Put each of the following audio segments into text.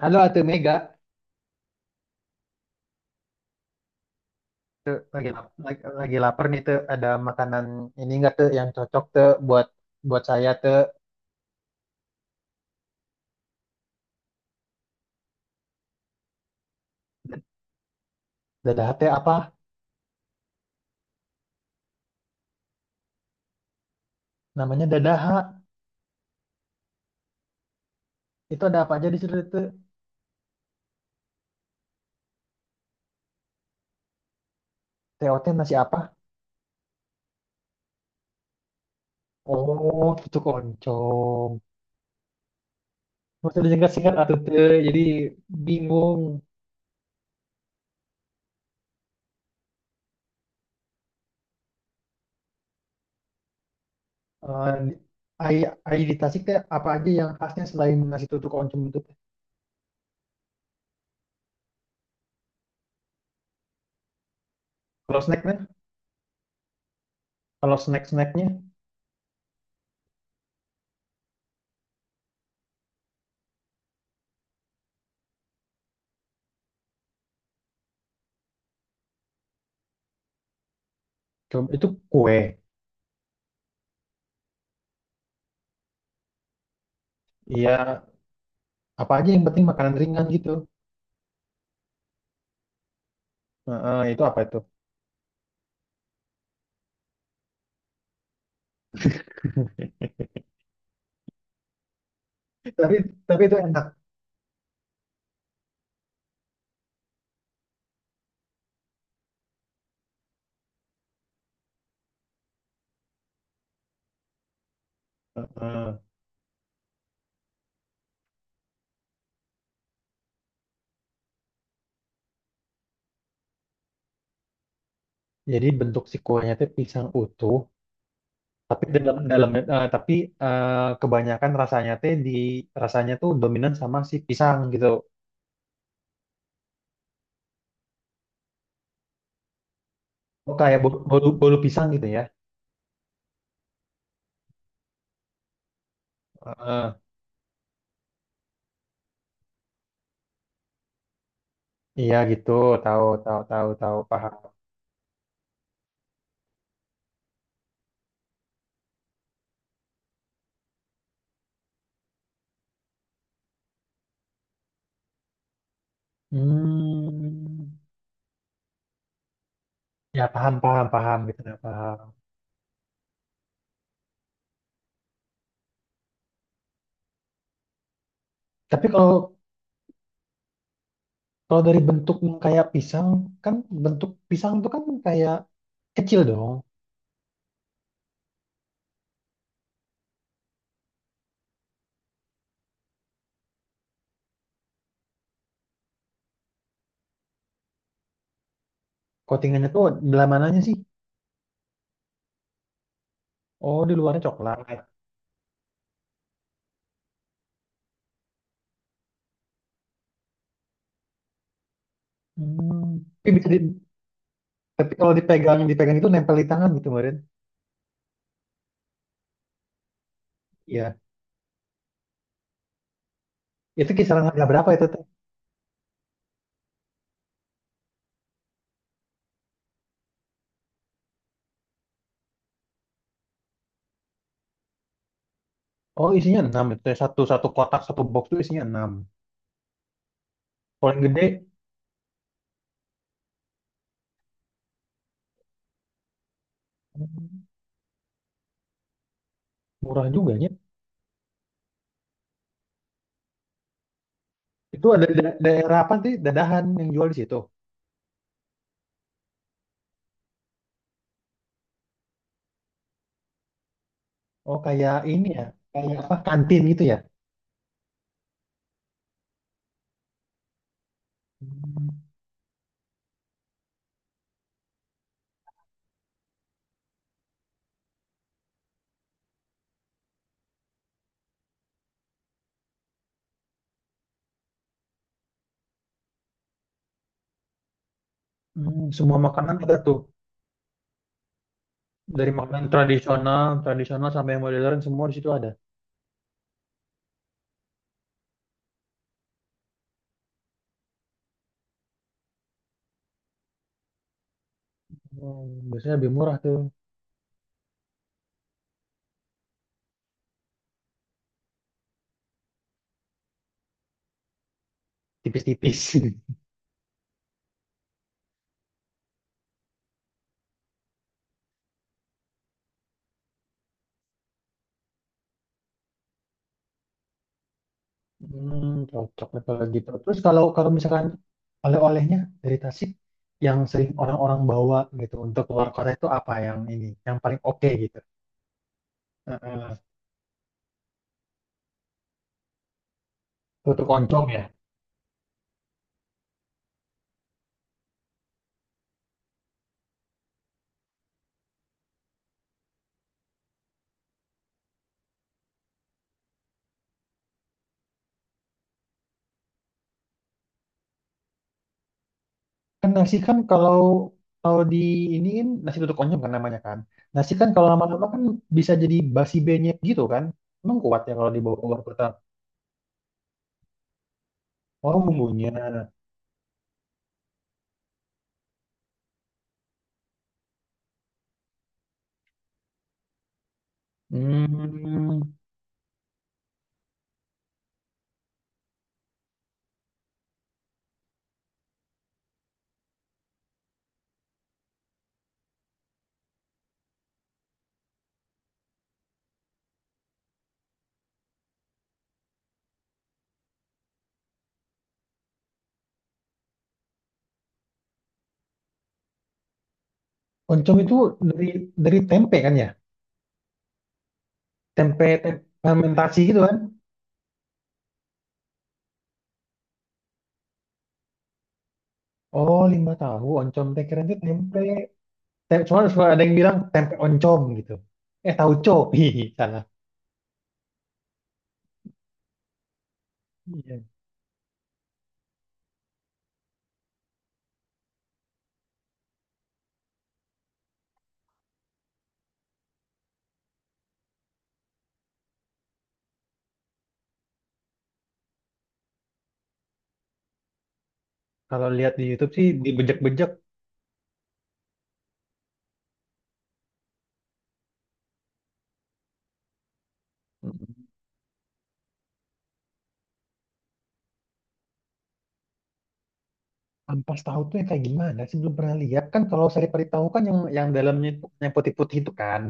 Halo Atu Mega, lagi lapar nih tuh. Ada makanan ini enggak tuh yang cocok tuh buat buat saya tuh. Dadah teh apa? Namanya dadah. Itu ada apa aja di situ tuh? TOT nasi apa? Oh, cucuk oncom. Maksudnya singkat-singkat Atuh tuh. Jadi bingung. Eh, Ai ai di Tasik teh apa aja yang khasnya selain nasi tutuk oncom itu? Teh? Kalau snacknya, kalau snack-snacknya, coba itu kue. Iya, apa aja yang penting makanan ringan gitu. Heeh, itu apa itu? Tapi itu enak. Heeh. Jadi bentuk si kuahnya teh pisang utuh, tapi dalam dalam tapi kebanyakan rasanya teh di rasanya tuh dominan sama si pisang gitu. Oh, kayak bolu, bolu, bolu pisang gitu ya. Heeh. Iya gitu, tahu tahu tahu tahu paham. Hmm, ya paham paham paham gitu ya paham. Tapi kalau kalau dari bentuk yang kayak pisang, kan bentuk pisang tuh kan kayak kecil dong. Coatingannya tuh dalam mananya sih? Oh, di luarnya coklat. Hmm, tapi bisa di, tapi kalau dipegang dipegang itu nempel di tangan gitu kemarin. Iya. Itu kisaran harga berapa itu teh? Oh isinya 6 itu teh. Satu satu kotak, satu box itu isinya enam. Kalau yang gede hmm, murah juga ya. Itu ada da- daerah apa sih dadahan yang jual di situ? Oh kayak ini ya, kayak apa kantin gitu ya? Hmm, semua makanan ada tuh dari makanan tradisional tradisional sampai yang modern semua di situ ada. Oh, biasanya lebih murah tuh tipis-tipis. Hmm, cocok deh kalau gitu. Terus kalau kalau misalkan oleh-olehnya dari Tasik yang sering orang-orang bawa gitu untuk keluar kota itu apa yang ini yang paling oke gitu? Heeh. Tutuk oncom ya. Kan nasi kan kalau kalau di ini kan nasi tutuk oncom kan namanya kan. Nasi kan kalau lama-lama kan bisa jadi basi benyek gitu kan. Emang kuat ya kalau dibawa keluar kota. Oh, bumbunya. Hmm. Oncom itu dari dari tempe kan ya? Tempe, tempe fermentasi gitu kan? Oh, lima tahu oncom teh keren tuh tempe. Tem Cuma suka ada yang bilang tempe oncom gitu. Eh, tauco. Hihi, salah. Iya. Kalau lihat di YouTube sih dibejek-bejek. Mm. Ampas tahu tuh yang kayak gimana sih belum pernah lihat kan kalau sari-sari tahu kan yang dalamnya itu yang putih-putih itu kan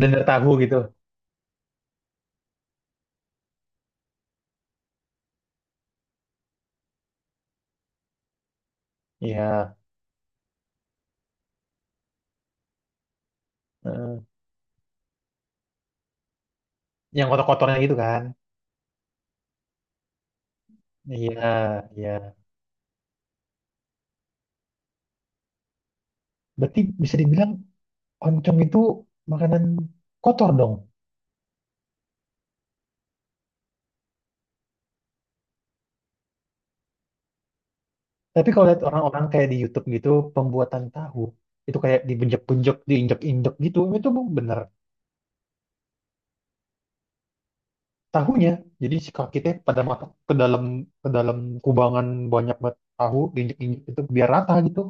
dendeng tahu gitu. Iya. Heeh. Yang kotor-kotornya gitu kan. Iya, iya. Berarti bisa dibilang oncom itu makanan kotor dong. Tapi kalau lihat orang-orang kayak di YouTube gitu, pembuatan tahu itu kayak dibenjek-benjek, diinjek-injek gitu, itu bener tahunya. Jadi si kakinya pada masuk ke dalam kubangan banyak banget tahu diinjek-injek itu biar rata gitu.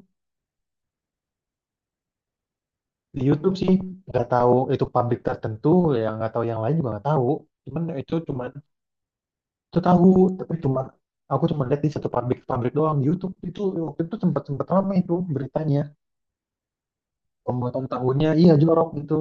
Di YouTube sih nggak tahu itu pabrik tertentu yang nggak tahu yang lain juga nggak tahu. Cuman itu tahu, tapi cuma aku lihat di satu pabrik-pabrik doang di YouTube itu waktu itu sempat sempat ramai itu beritanya pembuatan tahunya iya jorok gitu.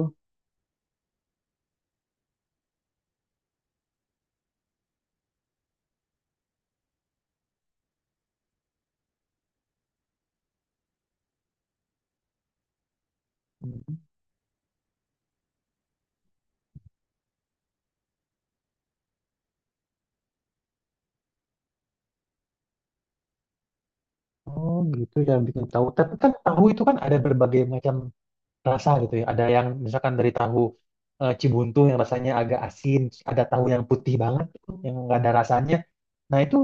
Oh gitu ya bikin tahu. Tapi kan tahu itu kan ada berbagai macam rasa gitu ya. Ada yang misalkan dari tahu Cibuntu yang rasanya agak asin, terus ada tahu yang putih banget gitu, yang nggak ada rasanya. Nah itu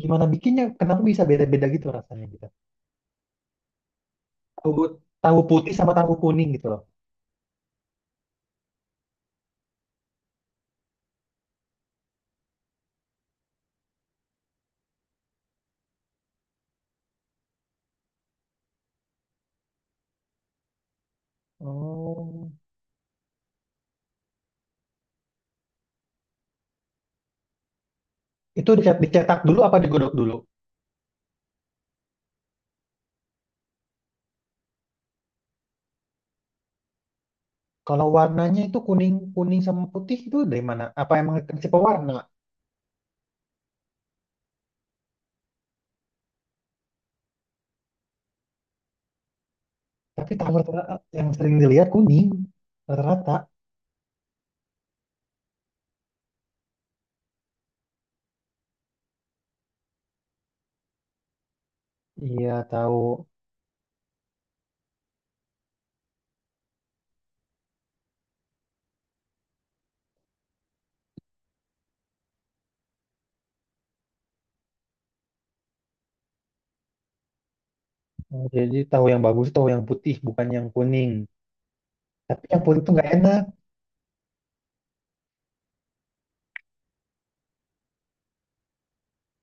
gimana bikinnya? Kenapa bisa beda-beda gitu rasanya gitu? Tahu tahu putih sama tahu kuning gitu loh. Oh itu dicetak, dicetak dulu apa digodok dulu? Kalau warnanya itu kuning kuning sama putih itu dari mana? Apa emang kasih pewarna? Tapi tahu rata yang sering dilihat kuning rata-rata. Iya tahu. Oh, jadi tahu yang bagus tahu yang putih bukan yang kuning. Tapi yang putih tuh nggak enak.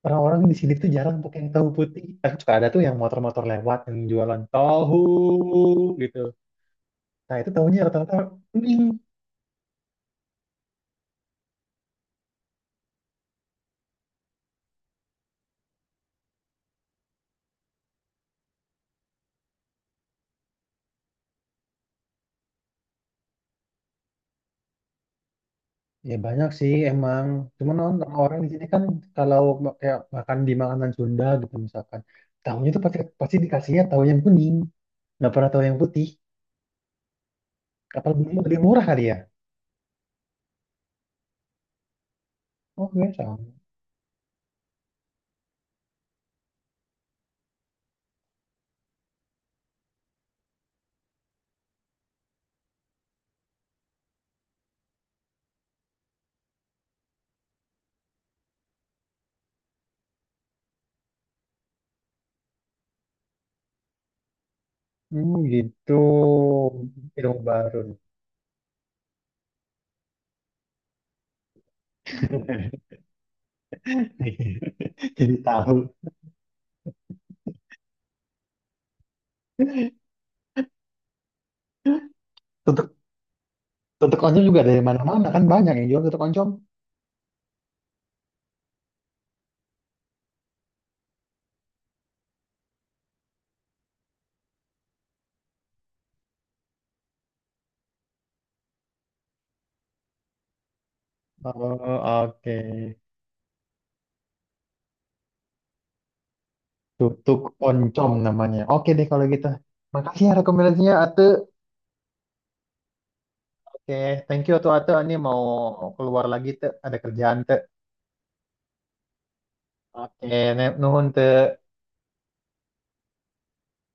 Orang-orang di sini tuh jarang pakai yang tahu putih. Tapi suka ada tuh yang motor-motor lewat yang jualan tahu gitu. Nah itu tahunya rata-rata kuning. Ya banyak sih emang. Cuman orang orang di sini kan kalau ma- kayak makan di makanan Sunda gitu misalkan, tahunya tuh pasti pasti dikasihnya tahu yang kuning. Nggak pernah tahu yang putih. Apa lebih lebih murah kali ya? Oke, sama. Hmm, gitu. Ilmu baru. Jadi tahu. Tutuk, tutuk oncom juga dari mana-mana kan banyak yang jual tutuk oncom. Oh, oke. Tutuk oncom namanya. Oke deh kalau gitu. Makasih ya rekomendasinya Ate. Oke, thank you Atu Ate. Ini mau keluar lagi Te. Ada kerjaan Te. Oke, ne- nuhun Te.